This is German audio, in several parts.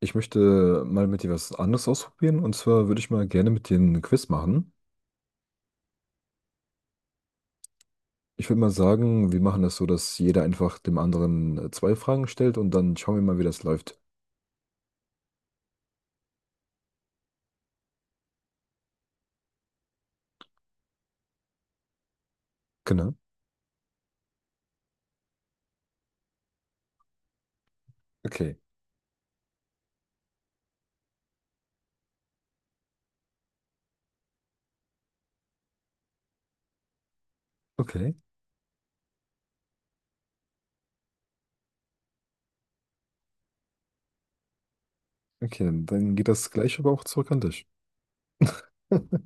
Ich möchte mal mit dir was anderes ausprobieren. Und zwar würde ich mal gerne mit dir einen Quiz machen. Ich würde mal sagen, wir machen das so, dass jeder einfach dem anderen zwei Fragen stellt und dann schauen wir mal, wie das läuft. Genau. Okay. Okay. Okay, dann geht das gleich aber auch zurück an dich.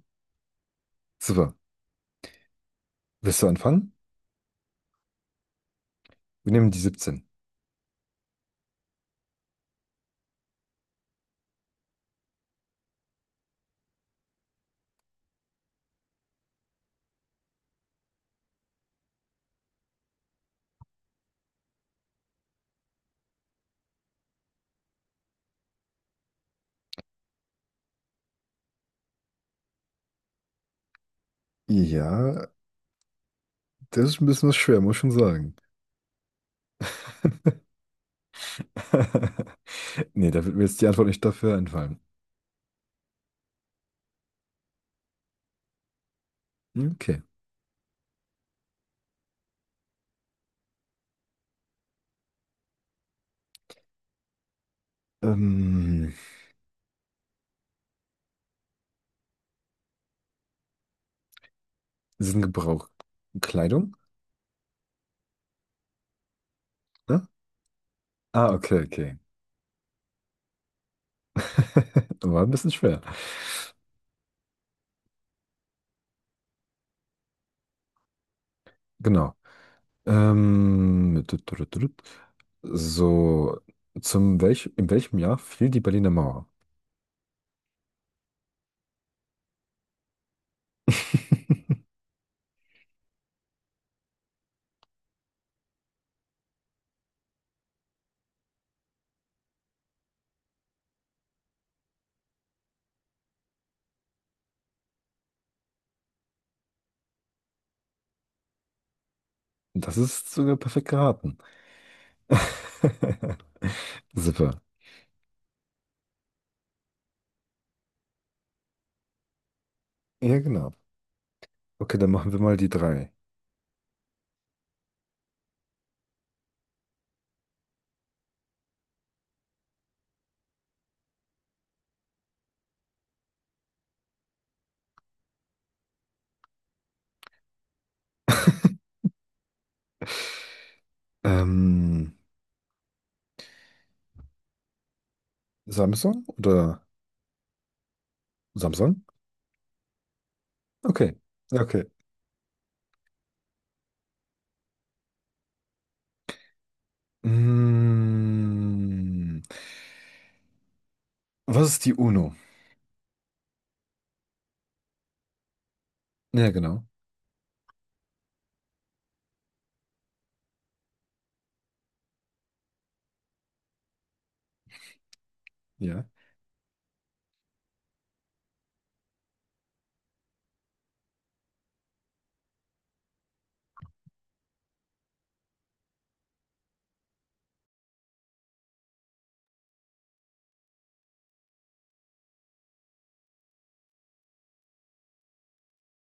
Super. Willst du anfangen? Wir nehmen die 17. Ja, das ist ein bisschen was schwer, muss ich schon sagen. Nee, da wird mir jetzt die Antwort nicht dafür einfallen. Okay. Ähm, sind Gebrauch Kleidung? Ne? Ah, okay, okay. War ein bisschen schwer. Genau. Tut, tut, tut, tut. So, zum welch, in welchem Jahr fiel die Berliner Mauer? Das ist sogar perfekt geraten. Super. Ja, genau. Okay, dann machen wir mal die drei. Ähm, Samsung oder Samsung? Okay. Ja, okay. Mm, was ist die UNO? Ja, genau. Ja.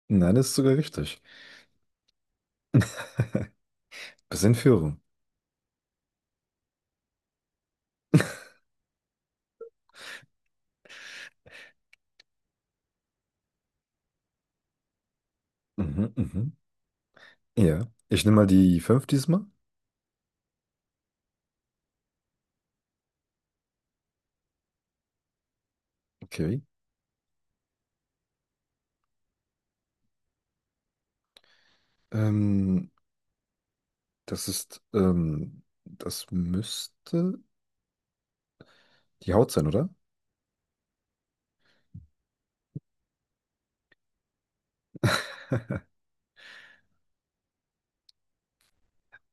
Nein, das ist sogar richtig. Bisschen Führung. Mhm, mhm. Ja. Ich nehme mal die 5 diesmal. Okay. Ähm, das ist, das müsste die Haut sein, oder?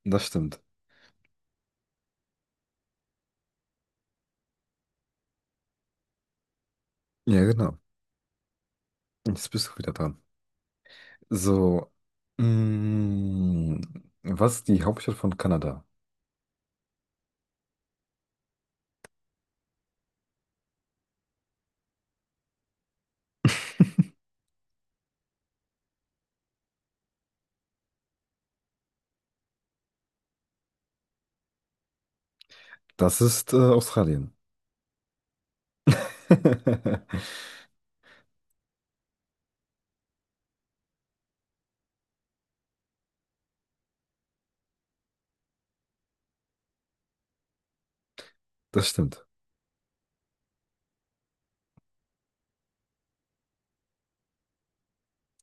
Das stimmt. Ja, genau. Jetzt bist du wieder dran. So. Mm, was ist die Hauptstadt von Kanada? Das ist Australien. Das stimmt.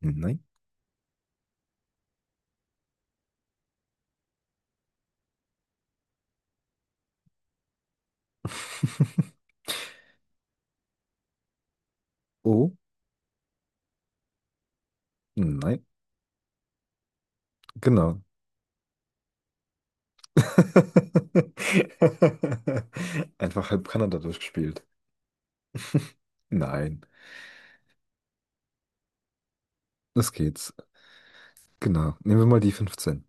Nein. Oh, nein. Genau. Einfach halb Kanada durchgespielt. Nein, das geht's. Genau. Nehmen wir mal die 15.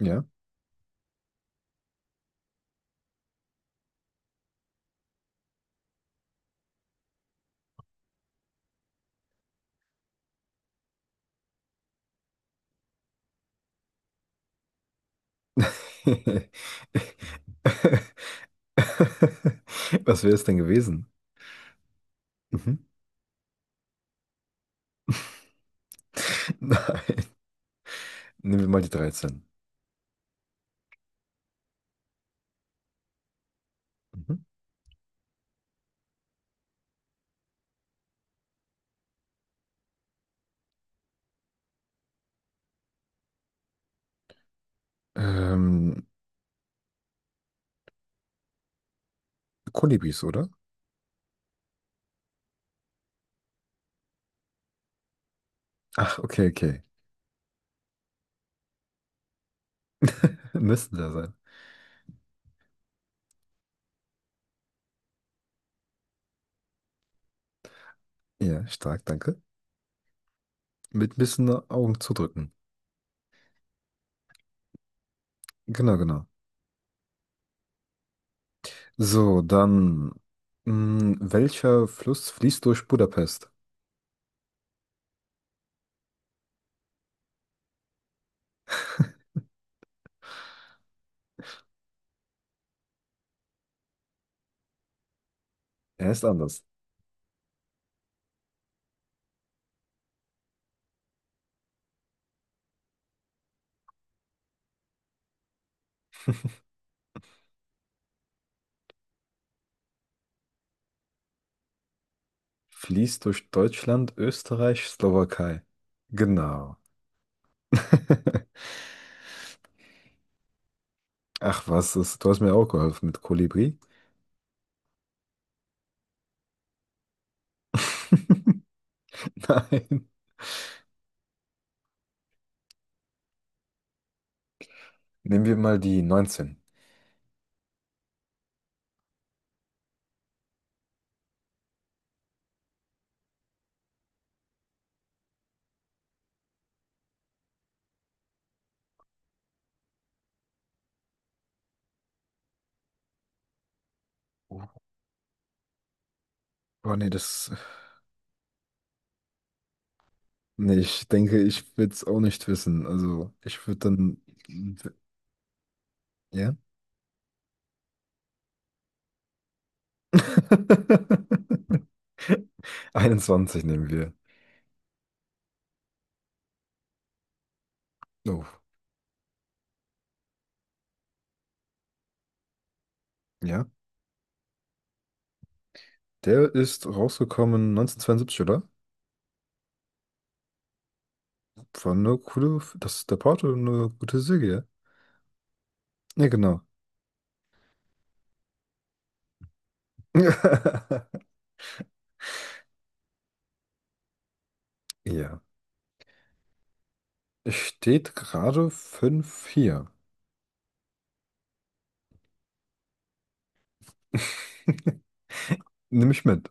Ja. Was wäre es denn gewesen? Mhm. Nein. Nehmen wir mal die 13. Mhm. Ähm, Kolibris, oder? Ach, okay, okay. Müssen da sein. Ja, stark, danke. Mit ein bisschen Augen zudrücken. Genau, genau. So, dann. Mh, welcher Fluss fließt durch Budapest? Er ist anders. Fließt durch Deutschland, Österreich, Slowakei. Genau. Ach, was das du hast mir auch geholfen mit Kolibri. Nein. Nehmen wir mal die 19. Oh, oh, nee, das. Nee, ich denke, ich würde es auch nicht wissen. Also, ich würde dann. Ja? 21 nehmen wir. Oh, ja. Der ist rausgekommen 1972, oder? War eine coole. Das ist der Porto, eine gute Serie. Ja, ja, genau. Ja. Es steht gerade 5-4. Nimm ich mit.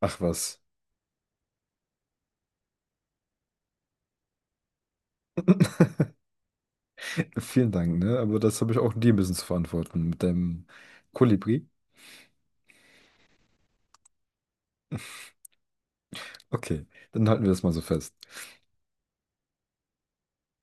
Ach was. Vielen Dank, ne? Aber das habe ich auch dir ein bisschen zu verantworten mit deinem Kolibri. Okay, dann halten wir das mal so fest.